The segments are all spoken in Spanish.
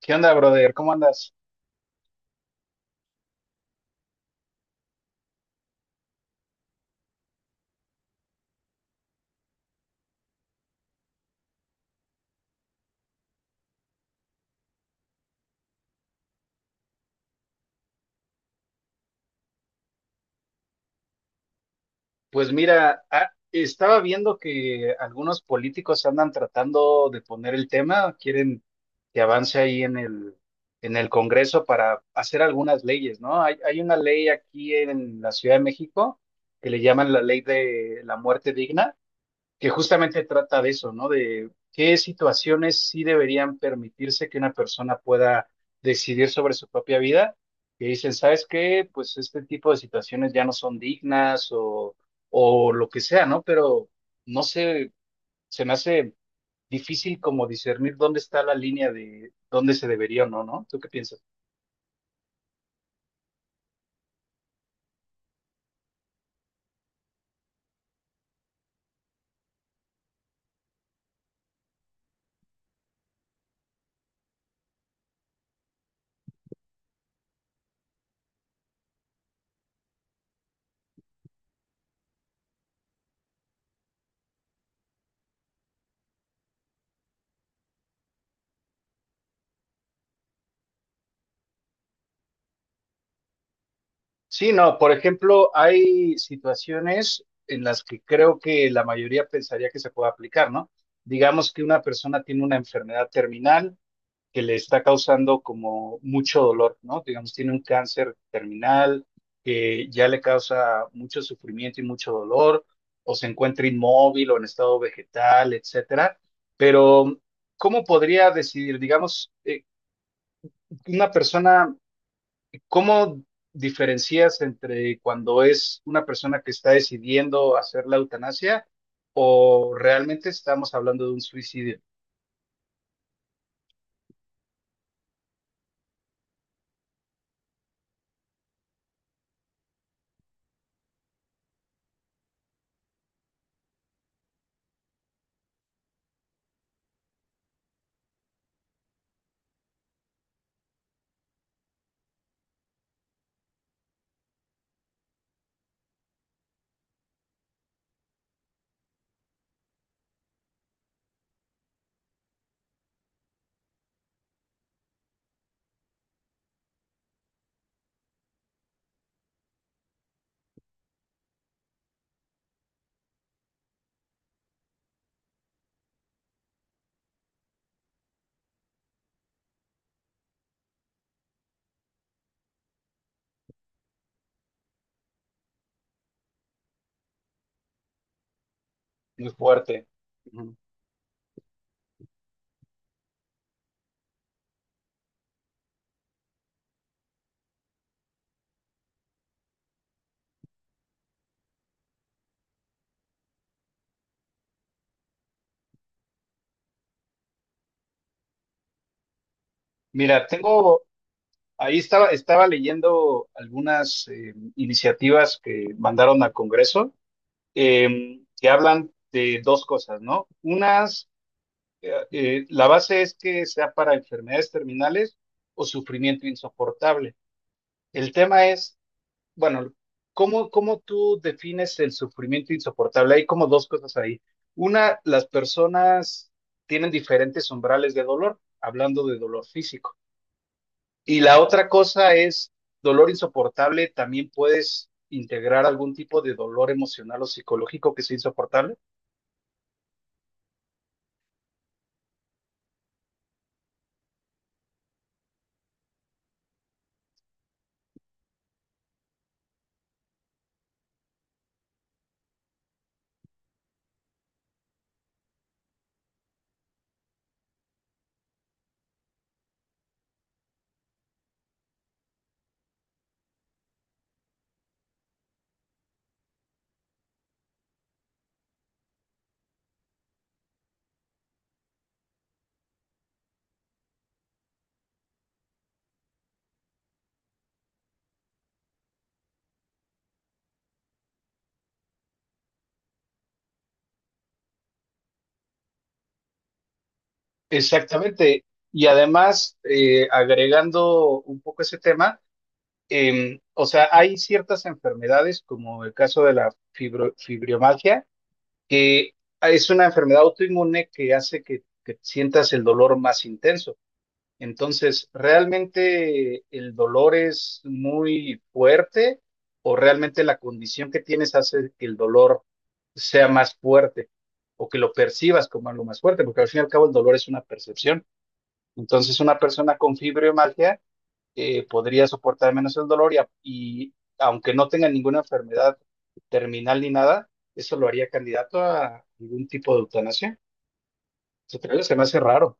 ¿Qué onda, brother? ¿Cómo andas? Pues mira, estaba viendo que algunos políticos andan tratando de poner el tema, quieren que avance ahí en el Congreso para hacer algunas leyes, ¿no? Hay una ley aquí en la Ciudad de México que le llaman la ley de la muerte digna que justamente trata de eso, ¿no? De qué situaciones sí deberían permitirse que una persona pueda decidir sobre su propia vida, que dicen, ¿sabes qué? Pues este tipo de situaciones ya no son dignas o lo que sea, ¿no? Pero no sé, se me hace difícil como discernir dónde está la línea de dónde se debería o no, ¿no? ¿Tú qué piensas? Sí, no, por ejemplo, hay situaciones en las que creo que la mayoría pensaría que se puede aplicar, ¿no? Digamos que una persona tiene una enfermedad terminal que le está causando como mucho dolor, ¿no? Digamos, tiene un cáncer terminal que ya le causa mucho sufrimiento y mucho dolor, o se encuentra inmóvil o en estado vegetal, etcétera. Pero, ¿cómo podría decidir, digamos, una persona? ¿Cómo diferencias entre cuando es una persona que está decidiendo hacer la eutanasia o realmente estamos hablando de un suicidio muy fuerte? Ujú. Mira, tengo, ahí estaba, estaba leyendo algunas iniciativas que mandaron al Congreso que hablan de dos cosas, ¿no? Unas, la base es que sea para enfermedades terminales o sufrimiento insoportable. El tema es bueno, ¿cómo, cómo tú defines el sufrimiento insoportable? Hay como dos cosas ahí. Una, las personas tienen diferentes umbrales de dolor, hablando de dolor físico. Y la otra cosa es, dolor insoportable, ¿también puedes integrar algún tipo de dolor emocional o psicológico que sea insoportable? Exactamente. Y además, agregando un poco ese tema, o sea, hay ciertas enfermedades, como el caso de la fibromialgia que es una enfermedad autoinmune que hace que sientas el dolor más intenso. Entonces, ¿realmente el dolor es muy fuerte o realmente la condición que tienes hace que el dolor sea más fuerte o que lo percibas como algo más fuerte? Porque al fin y al cabo el dolor es una percepción. Entonces, una persona con fibromialgia podría soportar menos el dolor y aunque no tenga ninguna enfermedad terminal ni nada, eso lo haría candidato a algún tipo de eutanasia. Se cree que se me hace raro.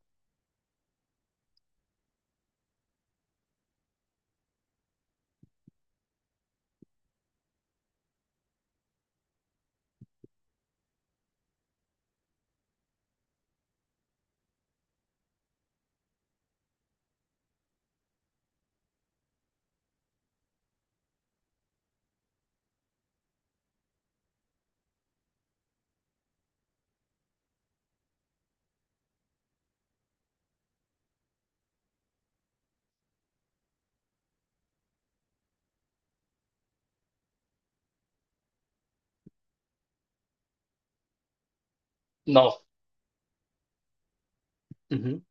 No. Ujú.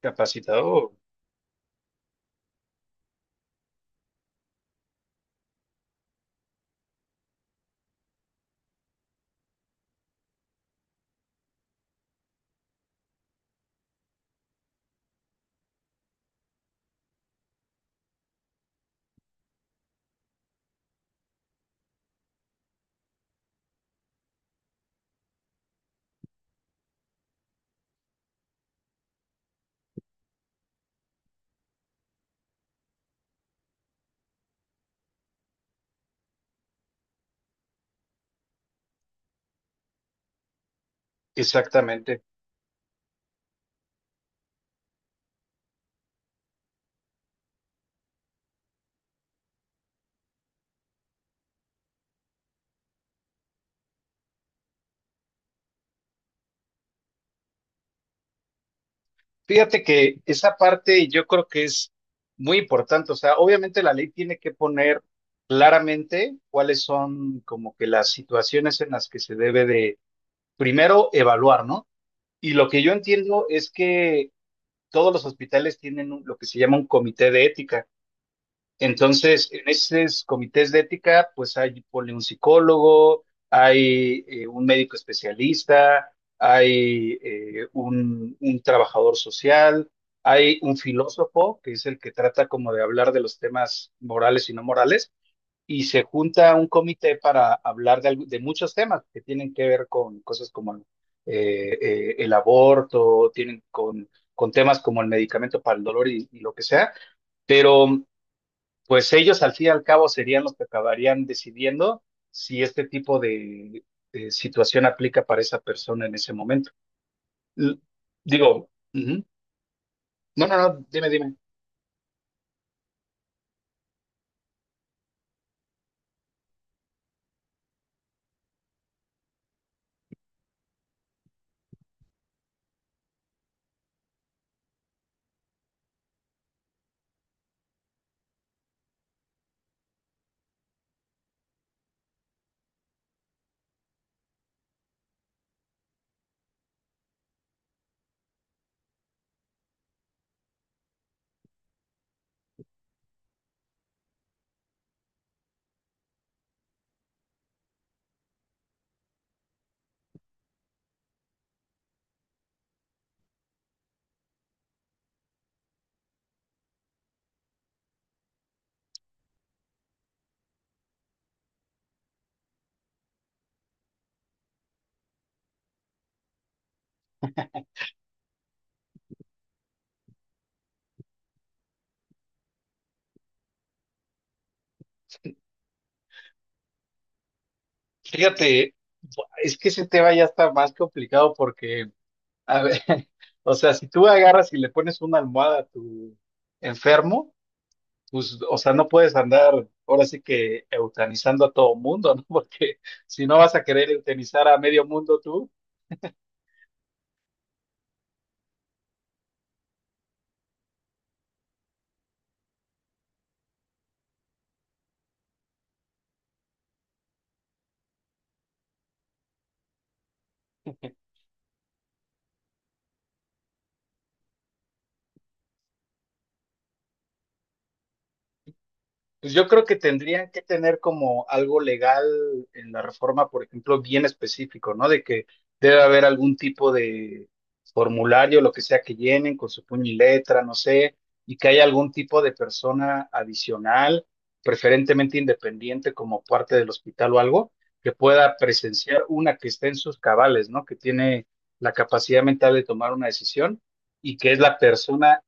Capacitado. Exactamente. Fíjate que esa parte yo creo que es muy importante. O sea, obviamente la ley tiene que poner claramente cuáles son como que las situaciones en las que se debe de primero evaluar, ¿no? Y lo que yo entiendo es que todos los hospitales tienen lo que se llama un comité de ética. Entonces, en esos comités de ética, pues hay ponle, un psicólogo, hay un médico especialista, hay un trabajador social, hay un filósofo, que es el que trata como de hablar de los temas morales y no morales, y se junta un comité para hablar de, de muchos temas que tienen que ver con cosas como el aborto, tienen con temas como el medicamento para el dolor y lo que sea, pero pues ellos al fin y al cabo serían los que acabarían decidiendo si este tipo de situación aplica para esa persona en ese momento. L- digo, ujú. No, no, no, dime, dime. Fíjate, es que ese tema ya está más complicado porque a ver, o sea, si tú agarras y le pones una almohada a tu enfermo, pues, o sea, no puedes andar ahora sí que eutanizando a todo mundo, ¿no? Porque si no vas a querer eutanizar a medio mundo tú, pues yo creo que tendrían que tener como algo legal en la reforma, por ejemplo, bien específico, ¿no? De que debe haber algún tipo de formulario, lo que sea que llenen con su puño y letra, no sé, y que haya algún tipo de persona adicional, preferentemente independiente como parte del hospital o algo, que pueda presenciar una que esté en sus cabales, ¿no? Que tiene la capacidad mental de tomar una decisión y que es la persona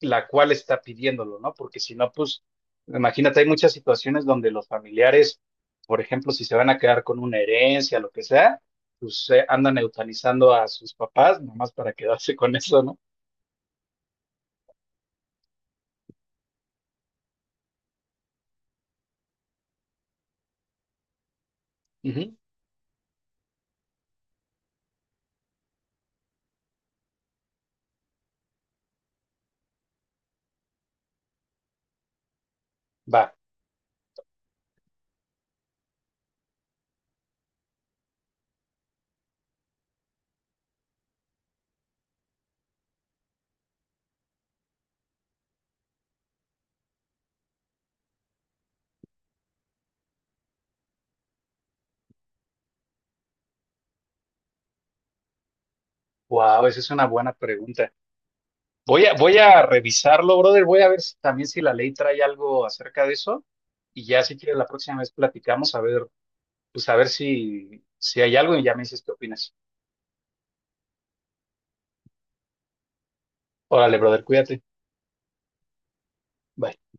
la cual está pidiéndolo, ¿no? Porque si no, pues, imagínate, hay muchas situaciones donde los familiares, por ejemplo, si se van a quedar con una herencia, lo que sea, pues andan eutanizando a sus papás, nomás para quedarse con eso, ¿no? Ujú. Va, wow, esa es una buena pregunta. Voy a revisarlo, brother, voy a ver si- también si la ley trae algo acerca de eso y ya si quieres la próxima vez platicamos a ver, pues a ver si, si hay algo y ya me dices qué opinas. Órale, brother, cuídate. Bye.